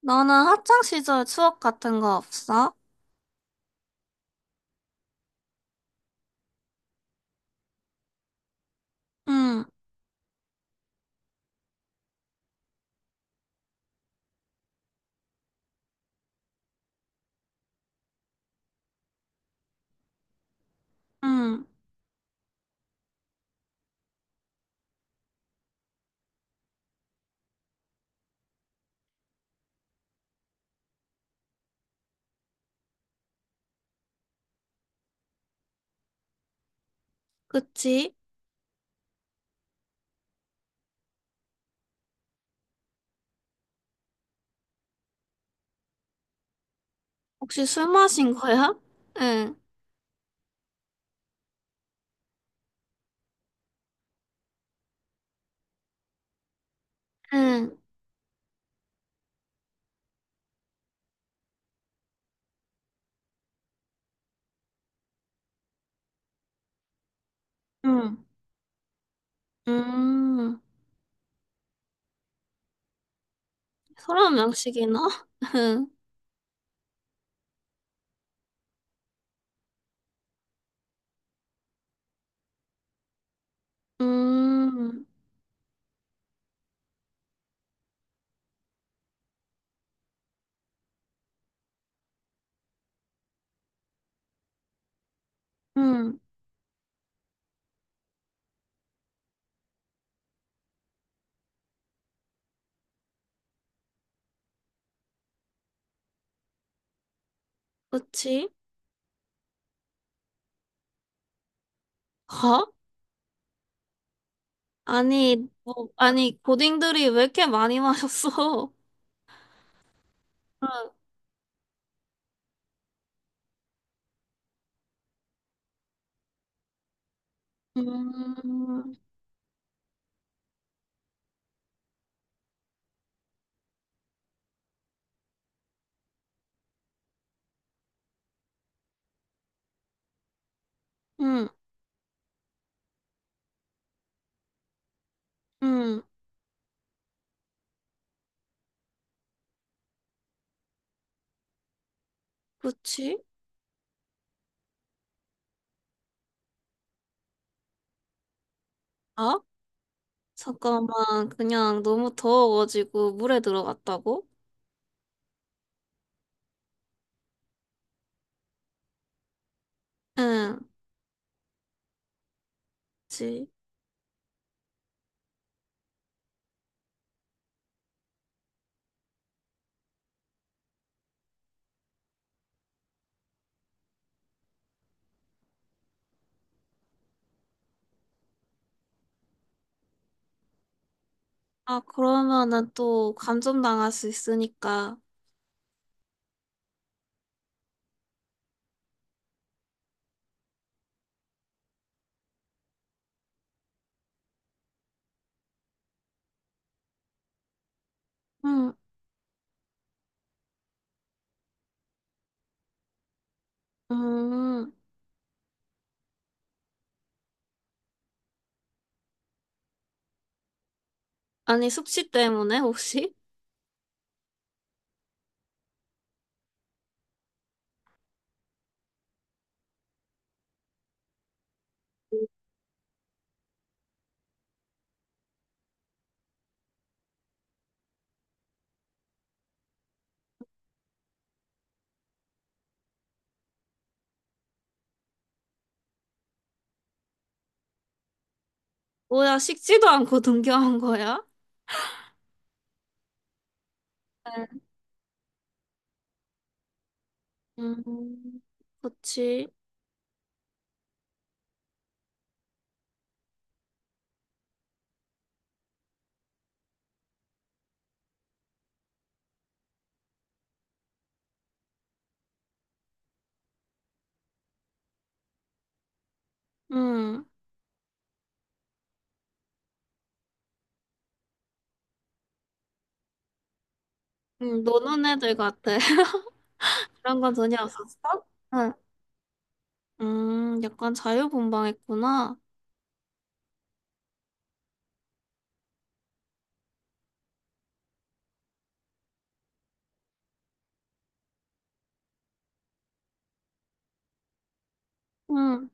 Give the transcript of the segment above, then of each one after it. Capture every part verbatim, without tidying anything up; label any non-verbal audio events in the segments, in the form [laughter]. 너는 학창 시절 추억 같은 거 없어? 응, 응, 그치? 혹시 술 마신 거야? [laughs] 응, 응, 응, 음, 서른 명씩이나? [laughs] 응, 음, 응, 그치? 어? 아니, 뭐, 아니, 고딩들이 왜 이렇게 많이 마셨어? [laughs] 응, 음, 응, 응, 그치? 어? 잠깐만, 그냥 너무 더워가지고 물에 들어갔다고? 응, 그치. 아, 그러면은 또 감점당할 수 있으니까. 음, 음. 아니, 숙취 때문에 혹시? 뭐야, 식지도 않고 등교한 거야? 네. 음, 그치. 음, 음, 노는 애들 같아. [laughs] 그런 건 전혀 없었어? 응. 음, 약간 자유분방했구나. 응.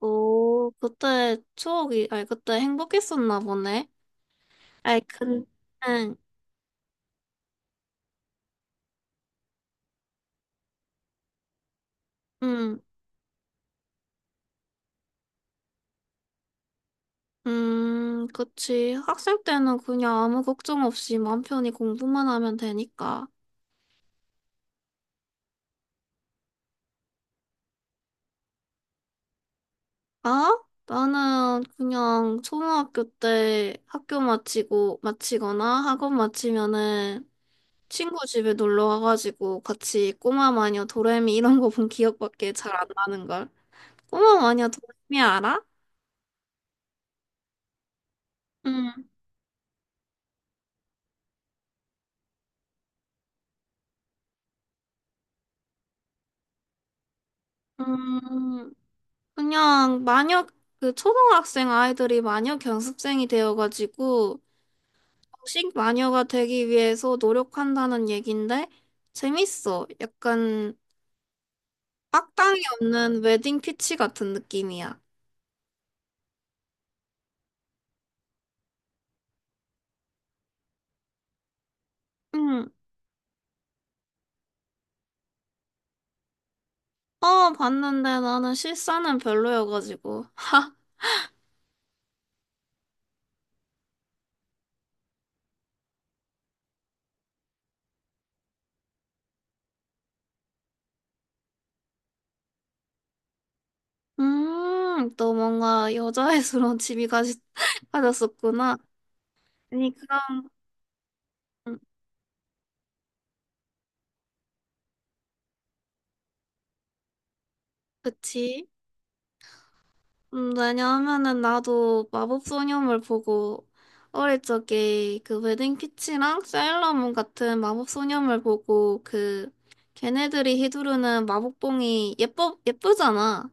오, 그때 추억이, 아니, 그때 행복했었나 보네. 아이, 근, 응, 응. 음, 그치. 학생 때는 그냥 아무 걱정 없이 맘 편히 공부만 하면 되니까. 아? 나는 그냥 초등학교 때 학교 마치고, 마치거나 학원 마치면은 친구 집에 놀러 가가지고 같이 꼬마 마녀 도레미 이런 거 본 기억밖에 잘 안 나는걸. 꼬마 마녀 도레미 알아? 음, 음, 그냥 마녀, 그 초등학생 아이들이 마녀 견습생이 되어가지고 식마녀가 되기 위해서 노력한다는 얘긴데 재밌어. 약간 악당이 없는 웨딩 피치 같은 느낌이야. 응. 어, 봤는데 나는 실사는 별로여가지고. [laughs] 하. 음, 또 뭔가 여자애스러운 취미 가 [laughs] 가졌었구나. 아니, 그럼, 음, 그치. 음, 왜냐하면은 나도 마법소녀물 보고 어릴 적에 그 웨딩피치랑 사일러문 같은 마법소녀물 보고 그 걔네들이 휘두르는 마법봉이 예뻐 예쁘잖아.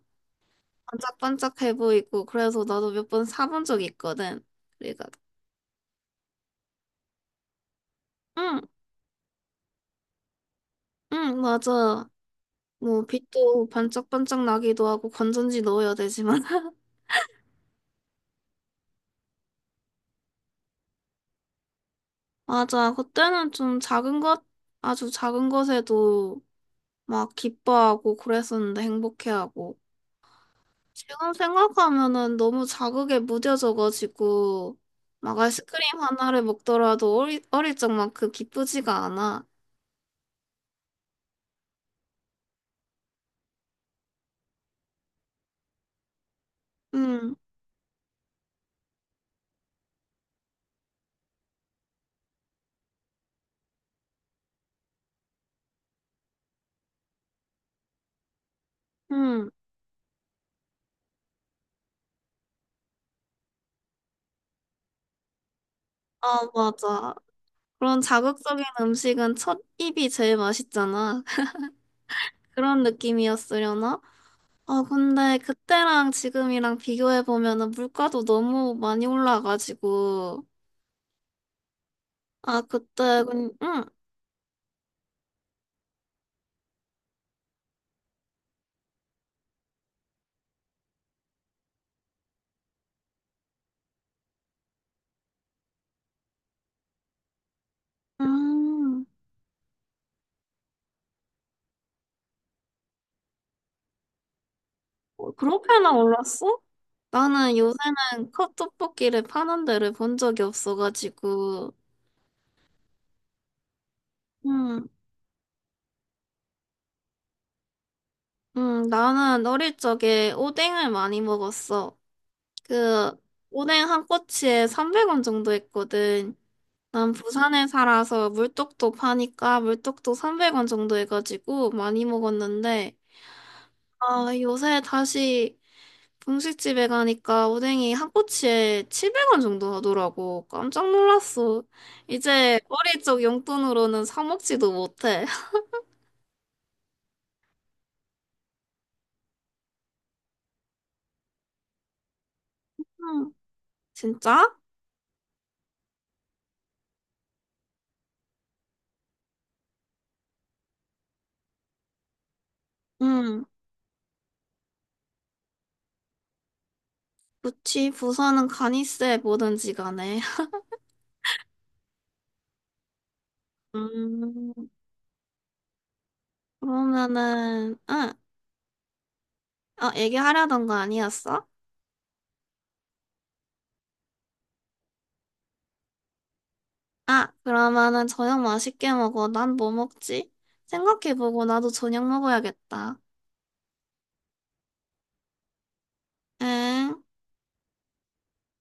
반짝반짝해 보이고 그래서 나도 몇 번 사본 적이 있거든. 그래가 응, 응, 맞아. 뭐 빛도 반짝반짝 나기도 하고 건전지 넣어야 되지만 [laughs] 맞아. 그때는 좀 작은 것 아주 작은 것에도 막 기뻐하고 그랬었는데 행복해하고. 지금 생각하면은 너무 자극에 무뎌져가지고 막 아이스크림 하나를 먹더라도 어리, 어릴 적만큼 기쁘지가 않아. 응, 응. 아, 맞아. 그런 자극적인 음식은 첫 입이 제일 맛있잖아. [laughs] 그런 느낌이었으려나? 아, 근데 그때랑 지금이랑 비교해보면은 물가도 너무 많이 올라가지고. 아, 그때, 그, 응. 음. 어, 그렇게나 올랐어? 나는 요새는 컵떡볶이를 파는 데를 본 적이 없어가지고, 음, 음, 나는 어릴 적에 오뎅을 많이 먹었어. 그, 오뎅 한 꼬치에 삼백 원 정도 했거든. 난 부산에 살아서 물떡도 파니까 물떡도 삼백 원 정도 해가지고 많이 먹었는데, 아, 요새 다시 분식집에 가니까 오뎅이 한 꼬치에 칠백 원 정도 하더라고. 깜짝 놀랐어. 이제 어릴 적 용돈으로는 사 먹지도 못해. [laughs] 응. 진짜? 응. 그치, 부산은 간이세 뭐든지 간에. 음, 그러면은, 응. 어, 얘기하려던 거 아니었어? 아, 그러면은 저녁 맛있게 먹어. 난 뭐 먹지? 생각해보고 나도 저녁 먹어야겠다. 응.